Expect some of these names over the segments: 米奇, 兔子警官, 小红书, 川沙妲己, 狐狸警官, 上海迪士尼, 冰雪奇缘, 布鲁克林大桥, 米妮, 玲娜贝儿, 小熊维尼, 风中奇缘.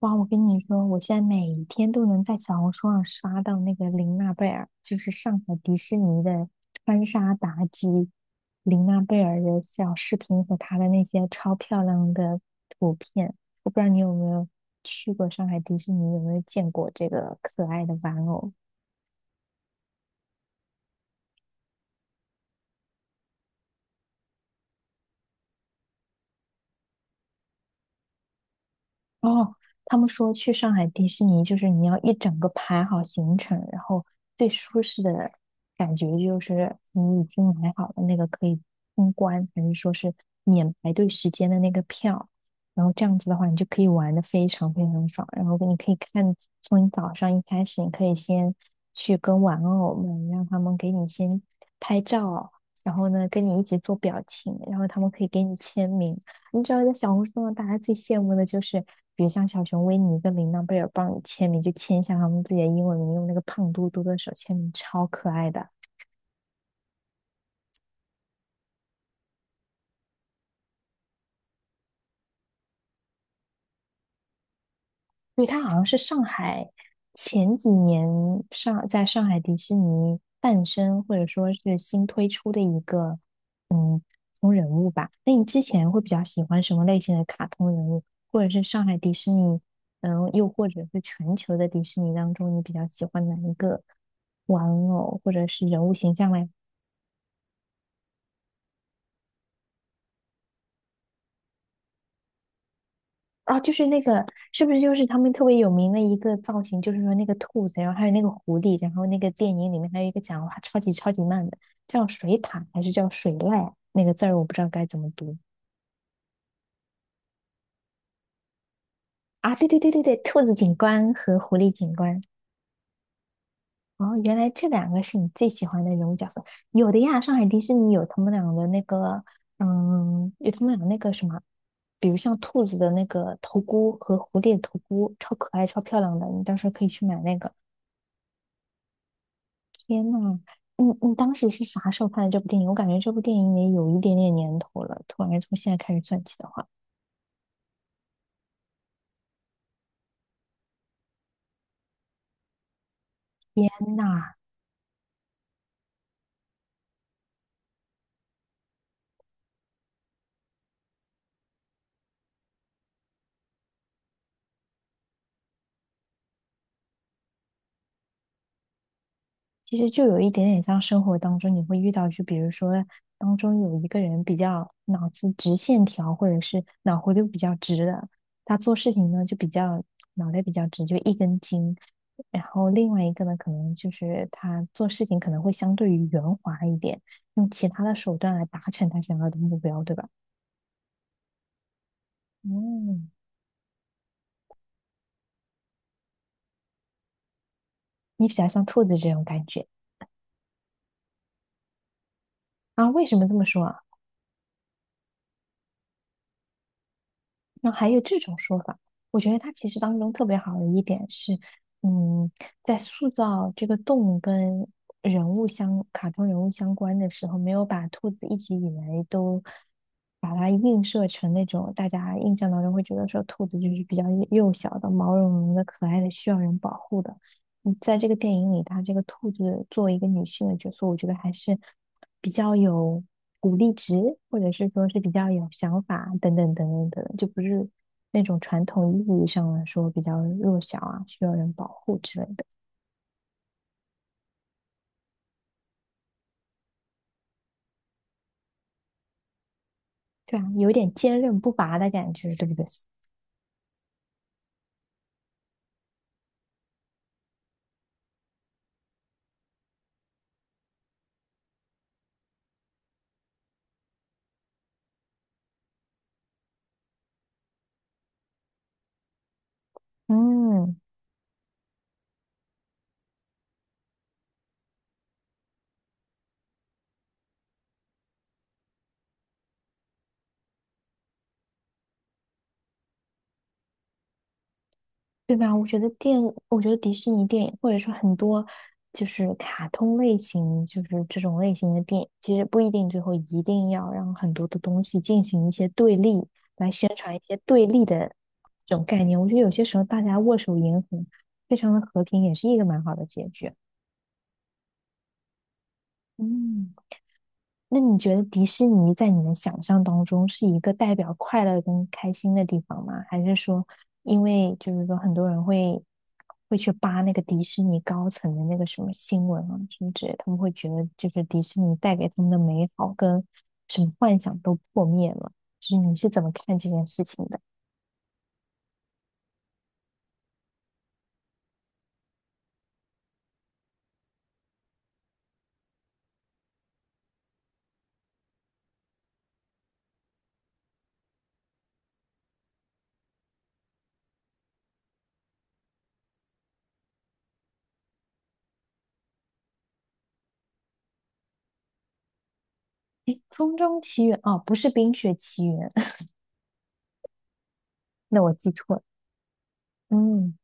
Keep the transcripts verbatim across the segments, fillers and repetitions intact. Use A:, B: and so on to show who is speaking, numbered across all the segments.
A: 哇，我跟你说，我现在每一天都能在小红书上刷到那个玲娜贝儿，就是上海迪士尼的穿沙妲己，玲娜贝儿的小视频和她的那些超漂亮的图片。我不知道你有没有去过上海迪士尼，有没有见过这个可爱的玩偶？哦，他们说去上海迪士尼，就是你要一整个排好行程，然后最舒适的感觉就是你已经买好了那个可以通关，还是说是免排队时间的那个票，然后这样子的话，你就可以玩的非常非常爽。然后你可以看，从你早上一开始，你可以先去跟玩偶们，让他们给你先拍照，然后呢跟你一起做表情，然后他们可以给你签名。你知道，在小红书上，大家最羡慕的就是，比如像小熊维尼跟琳娜贝尔帮你签名，就签一下他们自己的英文名，用那个胖嘟嘟的手签名，超可爱的。对，它好像是上海前几年上在上海迪士尼诞生，或者说是新推出的一个嗯卡通人物吧。那你之前会比较喜欢什么类型的卡通人物，或者是上海迪士尼，嗯，又或者是全球的迪士尼当中，你比较喜欢哪一个玩偶或者是人物形象嘞？啊，就是那个，是不是就是他们特别有名的一个造型？就是说那个兔子，然后还有那个狐狸，然后那个电影里面还有一个讲话超级超级慢的，叫水獭还是叫水濑？那个字儿我不知道该怎么读啊！对对对对对，兔子警官和狐狸警官。哦，原来这两个是你最喜欢的人物角色。有的呀，上海迪士尼有他们俩的那个，嗯，有他们俩那个什么，比如像兔子的那个头箍和狐狸的头箍，超可爱、超漂亮的，你到时候可以去买那个。天呐，你你当时是啥时候看的这部电影？我感觉这部电影也有一点点年头了。突然从现在开始算起的话，天呐，其实就有一点点像生活当中你会遇到，就比如说当中有一个人比较脑子直线条，或者是脑回路比较直的，他做事情呢就比较脑袋比较直，就一根筋。然后另外一个呢，可能就是他做事情可能会相对于圆滑一点，用其他的手段来达成他想要的目标，对吧？嗯。你比较像兔子这种感觉啊？为什么这么说啊？那还有这种说法，我觉得它其实当中特别好的一点是，嗯，在塑造这个动物跟人物相、卡通人物相关的时候，没有把兔子一直以来都把它映射成那种大家印象当中会觉得说兔子就是比较幼小的、毛茸茸的、可爱的、需要人保护的。嗯在这个电影里，他这个兔子作为一个女性的角色，我觉得还是比较有鼓励值，或者是说是比较有想法等等等等等，就不是那种传统意义上来说比较弱小啊，需要人保护之类的，对啊，有点坚韧不拔的感觉，对不对？嗯。对吧？我觉得电，我觉得迪士尼电影，或者说很多就是卡通类型，就是这种类型的电影，其实不一定最后一定要让很多的东西进行一些对立，来宣传一些对立的这种概念。我觉得有些时候大家握手言和，非常的和平，也是一个蛮好的结局。嗯。那你觉得迪士尼在你的想象当中是一个代表快乐跟开心的地方吗？还是说，因为就是说很多人会会去扒那个迪士尼高层的那个什么新闻啊什么之类的他们会觉得就是迪士尼带给他们的美好跟什么幻想都破灭了。就是你是怎么看这件事情的？诶，《风中奇缘》哦，不是《冰雪奇缘》，那我记错了。嗯。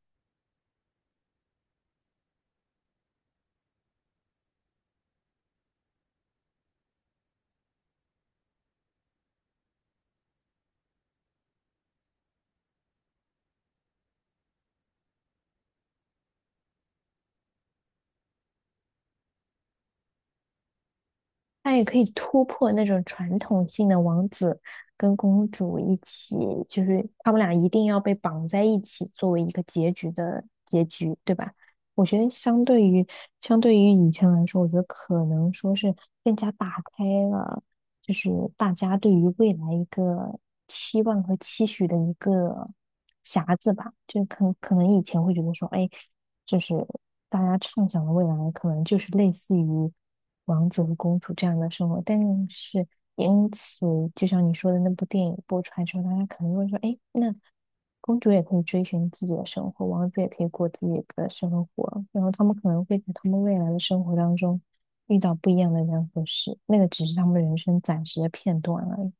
A: 它也可以突破那种传统性的王子跟公主一起，就是他们俩一定要被绑在一起作为一个结局的结局，对吧？我觉得相对于相对于以前来说，我觉得可能说是更加打开了，就是大家对于未来一个期望和期许的一个匣子吧。就可能可能以前会觉得说，哎。就是大家畅想的未来，可能就是类似于王子和公主这样的生活。但是因此，就像你说的那部电影播出来之后，大家可能会说：“哎，那公主也可以追寻自己的生活，王子也可以过自己的生活。”然后他们可能会在他们未来的生活当中遇到不一样的人和事，那个只是他们人生暂时的片段而已。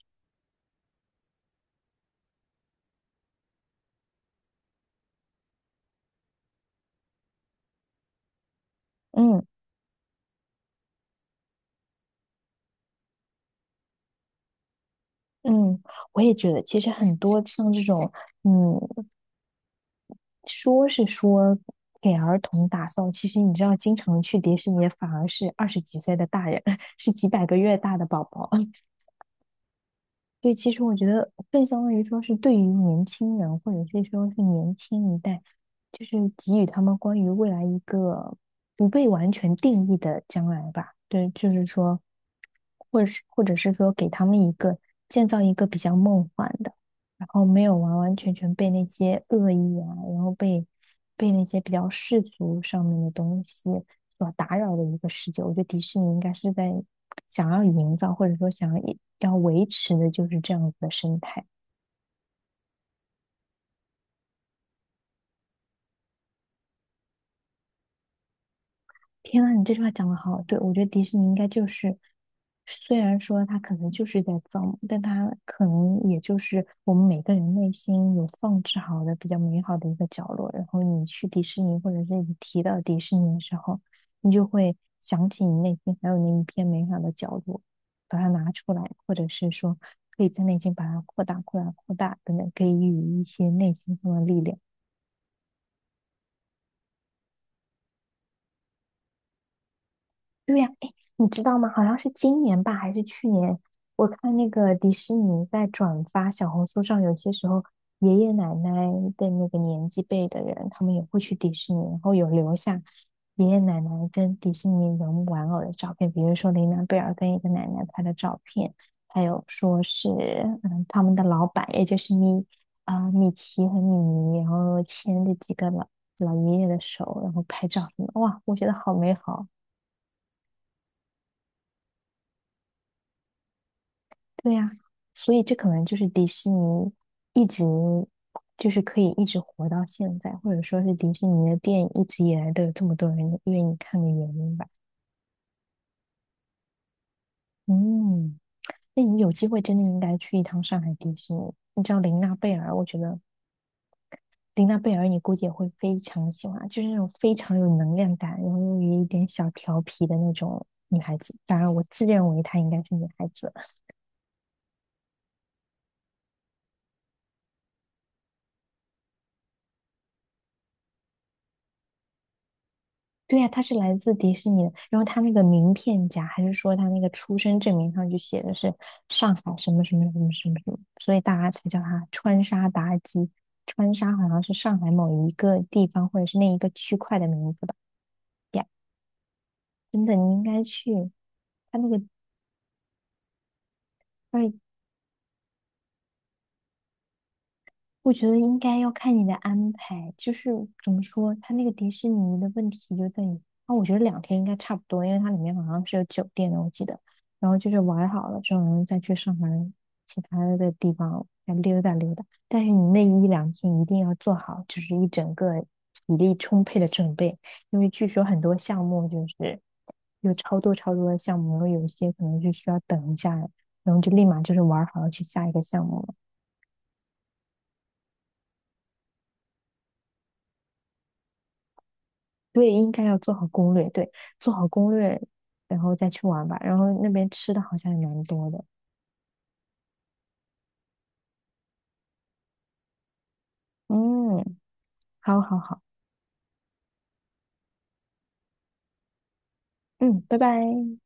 A: 嗯嗯。我也觉得，其实很多像这种，嗯，说是说给儿童打造，其实你知道，经常去迪士尼反而是二十几岁的大人，是几百个月大的宝宝。对，其实我觉得更相当于说是对于年轻人，或者是说是年轻一代，就是给予他们关于未来一个不被完全定义的将来吧。对，就是说，或者是或者是说给他们一个建造一个比较梦幻的，然后没有完完全全被那些恶意啊，然后被被那些比较世俗上面的东西。所打扰的一个世界。我觉得迪士尼应该是在想要营造，或者说想要要维持的就是这样子的生态。天啊，你这句话讲的好，对，我觉得迪士尼应该就是，虽然说它可能就是在造梦，但它可能也就是我们每个人内心有放置好的比较美好的一个角落。然后你去迪士尼，或者是你提到迪士尼的时候，你就会想起你内心还有那一片美好的角落，把它拿出来，或者是说可以在内心把它扩大、扩大、扩大，等等，给予一些内心上的力量。对呀，哎，你知道吗？好像是今年吧，还是去年？我看那个迪士尼在转发小红书上，有些时候爷爷奶奶的那个年纪辈的人，他们也会去迪士尼，然后有留下爷爷奶奶跟迪士尼人玩偶的照片，比如说琳娜贝尔跟一个奶奶拍的照片，还有说是嗯他们的老板，也就是米啊、米奇和米妮，然后牵着几个老老爷爷的手，然后拍照什么的，哇，我觉得好美好。对呀，所以这可能就是迪士尼一直就是可以一直活到现在，或者说是迪士尼的电影一直以来都有这么多人愿意看的原因吧。嗯，那你有机会真的应该去一趟上海迪士尼。你知道琳娜贝尔，我觉得琳娜贝尔你估计也会非常喜欢，就是那种非常有能量感，然后又有一点小调皮的那种女孩子。当然，我自认为她应该是女孩子。对呀、他是来自迪士尼的。然后他那个名片夹，还是说他那个出生证明上就写的是上海什么什么什么什么什么，所以大家才叫他川沙妲己。川沙好像是上海某一个地方或者是那一个区块的名字吧。呀，真的，你应该去他那个二我觉得应该要看你的安排，就是怎么说，它那个迪士尼的问题就在于，啊，我觉得两天应该差不多，因为它里面好像是有酒店的，我记得。然后就是玩好了之后，然后再去上海其他的地方再溜达溜达。但是你那一两天一定要做好，就是一整个体力充沛的准备，因为据说很多项目就是有超多超多的项目，然后有一些可能是需要等一下，然后就立马就是玩好了去下一个项目。了。对，应该要做好攻略，对，做好攻略，然后再去玩吧。然后那边吃的好像也蛮多的，嗯，好好好，嗯，拜拜。